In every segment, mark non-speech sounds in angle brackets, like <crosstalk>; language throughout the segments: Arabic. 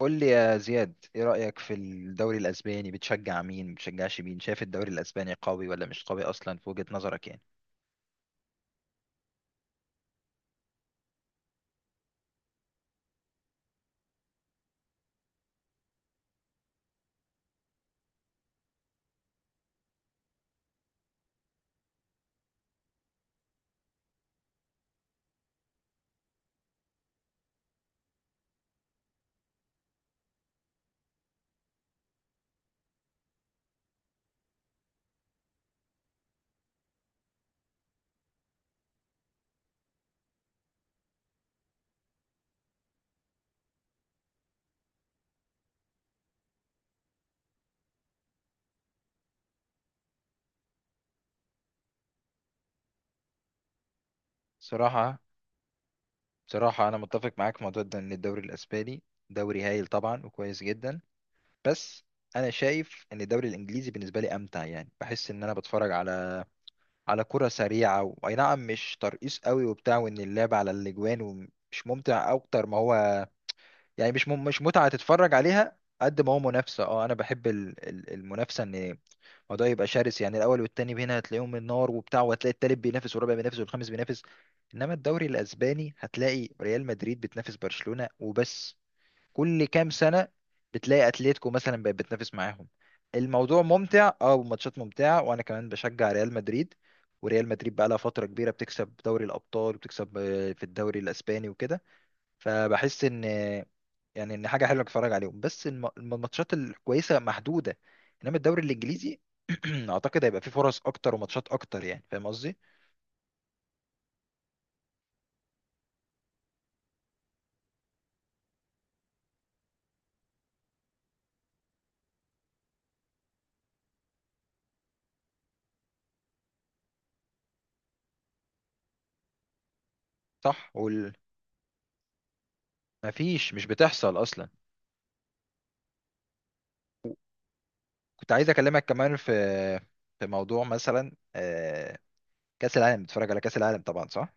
قول لي يا زياد، ايه رأيك في الدوري الاسباني؟ بتشجع مين؟ بتشجعش مين؟ شايف الدوري الاسباني قوي ولا مش قوي اصلا في وجهة نظرك يعني؟ بصراحة بصراحة، انا متفق معاك في موضوع ده ان الدوري الاسباني دوري هايل طبعا وكويس جدا. بس انا شايف ان الدوري الانجليزي بالنسبة لي امتع. يعني بحس ان انا بتفرج على كرة سريعة و- واي نعم، مش ترقيص قوي وبتاع، وان اللعب على الاجوان، ومش ممتع اكتر ما هو. يعني مش مش متعة تتفرج عليها قد ما هو منافسة. اه انا بحب المنافسة، ان الموضوع يبقى شرس. يعني الاول والتاني هنا هتلاقيهم النار وبتاع، وهتلاقي التالت بينافس والرابع بينافس والخامس بينافس. انما الدوري الاسباني هتلاقي ريال مدريد بتنافس برشلونة وبس. كل كام سنة بتلاقي اتلتيكو مثلا بقت بتنافس معاهم. الموضوع ممتع، الماتشات ممتعة، وانا كمان بشجع ريال مدريد. وريال مدريد بقى لها فترة كبيرة بتكسب دوري الابطال وبتكسب في الدوري الاسباني وكده. فبحس ان، يعني ان حاجه حلوه اتفرج عليهم، بس الماتشات الكويسه محدوده. انما الدوري الانجليزي <clears throat> اعتقد هيبقى فيه فرص اكتر وماتشات اكتر. يعني فاهم قصدي؟ صح. وال... مفيش، مش بتحصل اصلا. كنت عايز اكلمك كمان في موضوع مثلا كاس العالم. بتتفرج على كاس العالم طبعا، صح؟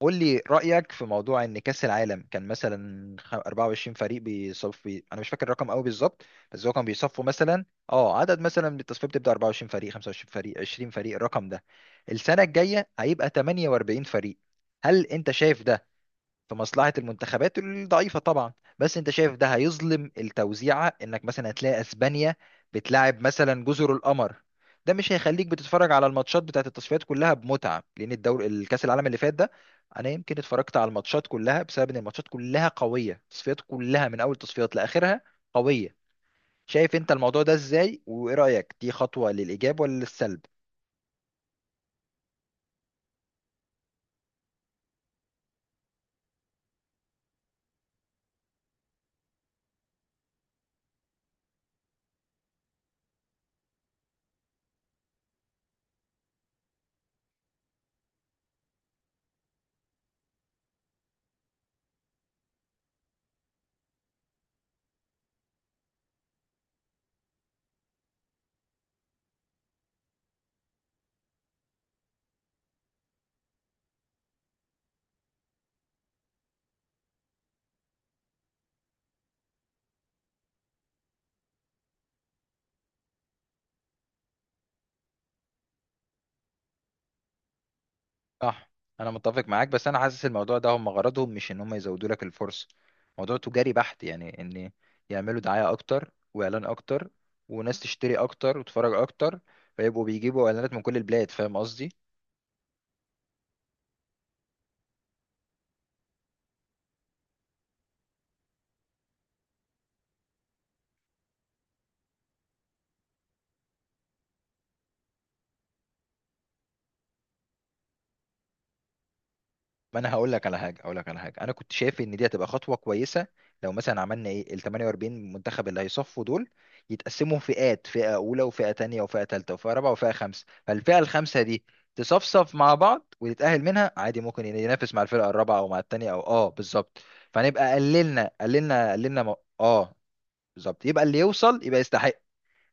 قول لي رأيك في موضوع ان كأس العالم كان مثلا 24 فريق بيصفي. انا مش فاكر الرقم قوي بالظبط. بس هو كان بيصفوا مثلا اه عدد، مثلا من التصفية بتبدأ 24 فريق، 25 فريق، 20 فريق. الرقم ده السنة الجاية هيبقى 48 فريق. هل انت شايف ده في مصلحة المنتخبات الضعيفة؟ طبعا. بس انت شايف ده هيظلم التوزيعة، انك مثلا هتلاقي اسبانيا بتلاعب مثلا جزر القمر. ده مش هيخليك بتتفرج على الماتشات بتاعت التصفيات كلها بمتعة، لان الدور الكاس العالم اللي فات ده انا يمكن اتفرجت على الماتشات كلها بسبب ان الماتشات كلها قوية، التصفيات كلها من اول التصفيات لاخرها قوية. شايف انت الموضوع ده ازاي؟ وايه رأيك، دي خطوة للايجاب ولا للسلب؟ صح. انا متفق معاك، بس انا حاسس الموضوع ده هم غرضهم مش ان هم يزودوا لك الفرصه. موضوع تجاري بحت، يعني ان يعملوا دعايه اكتر واعلان اكتر، وناس تشتري اكتر وتتفرج اكتر، فيبقوا بيجيبوا اعلانات من كل البلاد. فاهم قصدي؟ ما انا هقول لك على حاجه، انا كنت شايف ان دي هتبقى خطوه كويسه. لو مثلا عملنا ايه ال 48 منتخب اللي هيصفوا دول، يتقسموا فئات: فئه اولى وفئه تانية وفئه تالتة وفئه رابعه وفئه خمسه. فالفئه الخمسه دي تصفصف مع بعض وتتاهل منها عادي، ممكن ينافس مع الفرقه الرابعه او مع التانية، او بالظبط. فنبقى قللنا م... بالظبط، يبقى اللي يوصل يبقى يستحق.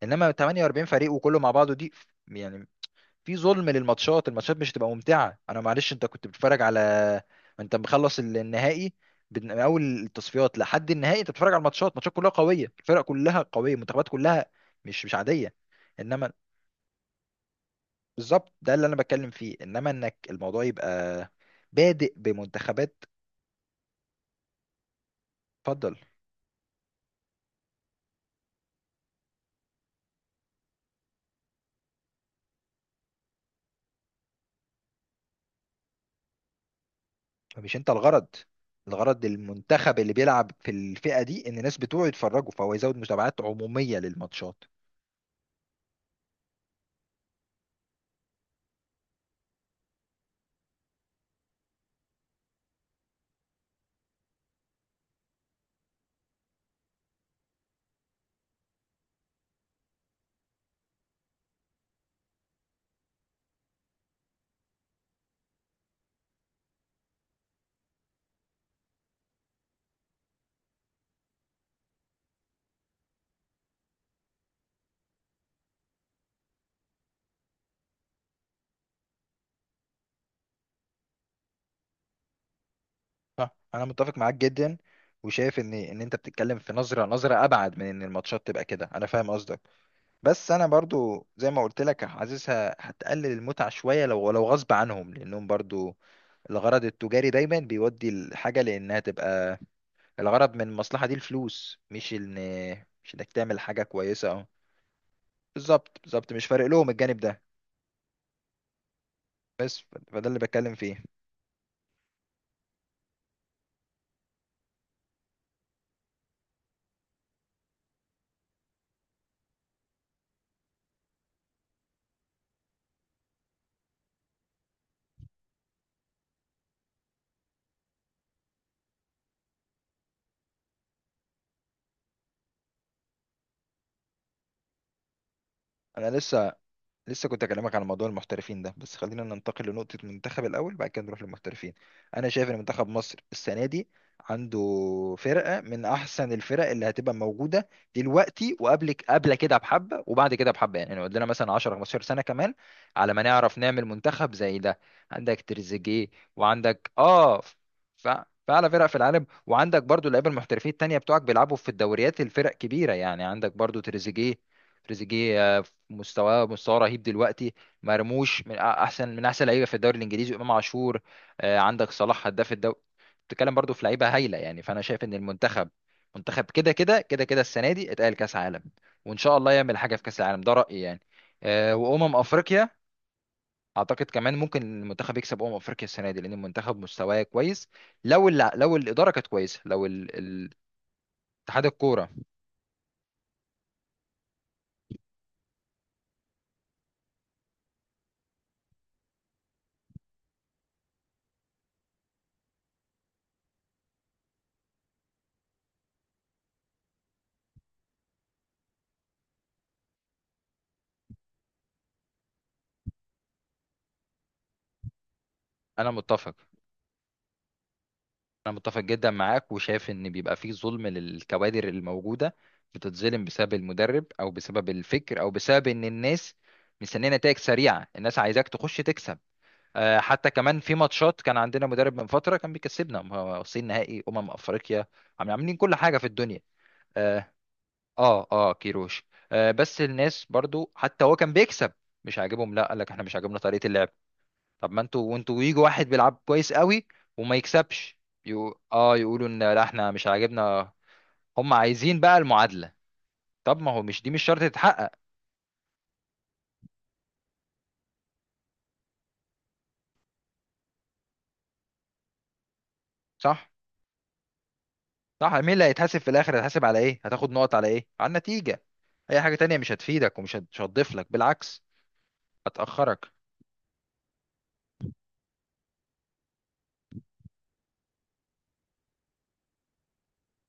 انما 48 فريق وكله مع بعضه دي، يعني في ظلم للماتشات. الماتشات مش هتبقى ممتعة. انا معلش، انت كنت بتتفرج على، ما انت مخلص النهائي، من اول التصفيات لحد النهائي انت بتتفرج على الماتشات، الماتشات كلها قوية الفرق كلها قوية المنتخبات كلها، مش عادية. انما بالظبط، ده اللي انا بتكلم فيه، انما انك الموضوع يبقى بادئ بمنتخبات. اتفضل. فمش انت الغرض، الغرض المنتخب اللي بيلعب في الفئة دي ان الناس بتوعه يتفرجوا، فهو يزود متابعات عمومية للماتشات. صح. انا متفق معاك جدا، وشايف ان انت بتتكلم في نظره ابعد من ان الماتشات تبقى كده. انا فاهم قصدك. بس انا برضو زي ما قلت لك حاسسها هتقلل المتعه شويه، لو غصب عنهم لانهم برضو الغرض التجاري دايما بيودي الحاجه لانها تبقى الغرض من المصلحه دي الفلوس، مش ان مش انك تعمل حاجه كويسه. اه بالظبط، بالظبط، مش فارق لهم الجانب ده. بس، فده اللي بتكلم فيه. انا لسه كنت اكلمك عن موضوع المحترفين ده، بس خلينا ننتقل لنقطة المنتخب الاول، بعد كده نروح للمحترفين. انا شايف ان منتخب مصر السنة دي عنده فرقة من احسن الفرق اللي هتبقى موجودة دلوقتي، وقبل كده بحبة وبعد كده بحبة، يعني قدنا مثلا 10 15 سنة كمان على ما نعرف نعمل منتخب زي ده. عندك تريزيجيه، وعندك ف... فأعلى فرق في العالم، وعندك برضو اللعيبه المحترفين التانية بتوعك بيلعبوا في الدوريات الفرق كبيرة. يعني عندك برضو تريزيجيه. تريزيجيه، مستواه رهيب دلوقتي. مرموش من احسن، من احسن لعيبه في الدوري الانجليزي. امام عاشور، عندك صلاح هداف الدوري. بتتكلم برضو في لعيبه هايله. يعني فانا شايف ان المنتخب كده كده كده كده السنه دي اتقال كاس عالم، وان شاء الله يعمل حاجه في كاس العالم. ده رايي يعني. وامم افريقيا، اعتقد كمان ممكن المنتخب يكسب افريقيا السنه دي لان المنتخب مستواه كويس، لو الاداره كانت كويسه، لو اتحاد الكوره. انا متفق انا متفق جدا معاك، وشايف ان بيبقى فيه ظلم للكوادر الموجوده. بتتظلم بسبب المدرب او بسبب الفكر او بسبب ان الناس مستنيه نتائج سريعه، الناس عايزاك تخش تكسب. حتى كمان في ماتشات، كان عندنا مدرب من فتره كان بيكسبنا، ما هو واصلين نهائي افريقيا، عاملين كل حاجه في الدنيا. اه كيروش. بس الناس برضو حتى هو كان بيكسب مش عاجبهم، لا، قال لك احنا مش عاجبنا طريقه اللعب. طب ما انتوا يجوا واحد بيلعب كويس قوي وما يكسبش، يقولوا ان لا احنا مش عاجبنا. هم عايزين بقى المعادلة. طب ما هو مش دي مش شرط تتحقق. صح، صح. مين اللي هيتحاسب في الاخر؟ هيتحاسب على ايه؟ هتاخد نقط على ايه؟ على النتيجة. اي حاجة تانية مش هتفيدك ومش مش هتضيف لك، بالعكس، هتأخرك.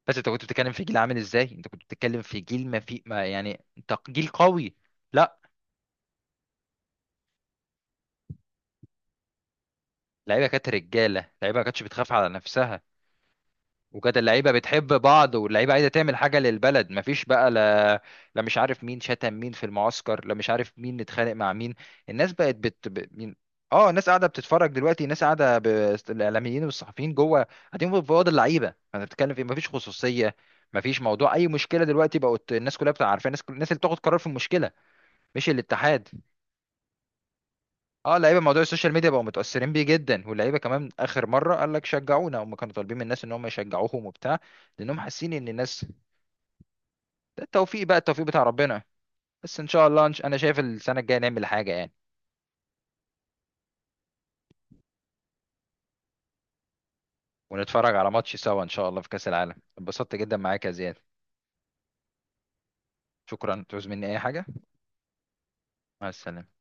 بس انت كنت بتتكلم في جيل عامل ازاي؟ انت كنت بتتكلم في جيل، ما في ما، يعني انت جيل قوي. لا، اللعيبة كانت رجالة، اللعيبة ما كانتش بتخاف على نفسها، وكانت اللعيبه بتحب بعض واللعيبه عايزه تعمل حاجه للبلد. مفيش بقى، لا، لا مش عارف مين شتم مين في المعسكر، لا مش عارف مين اتخانق مع مين. الناس بقت مين. اه الناس قاعده بتتفرج دلوقتي، الناس قاعده ب... الاعلاميين والصحفيين جوه قاعدين في اوض اللعيبه، انا بتكلم في إيه؟ مفيش خصوصيه. مفيش موضوع، اي مشكله دلوقتي بقت الناس كلها بتبقى عارفه، الناس اللي بتاخد قرار في المشكله مش الاتحاد. اه اللعيبه موضوع السوشيال ميديا بقوا متاثرين بيه جدا، واللعيبه كمان اخر مره قال لك شجعونا، هم كانوا طالبين من الناس ان هم يشجعوهم وبتاع، لانهم حاسين ان الناس. ده التوفيق بقى التوفيق بتاع ربنا. بس ان شاء الله، انا شايف السنه الجايه نعمل حاجه يعني. ونتفرج على ماتش سوا ان شاء الله في كاس العالم. اتبسطت جدا معاك يا زياد، شكرا. تعوز مني اي حاجه؟ مع السلامه.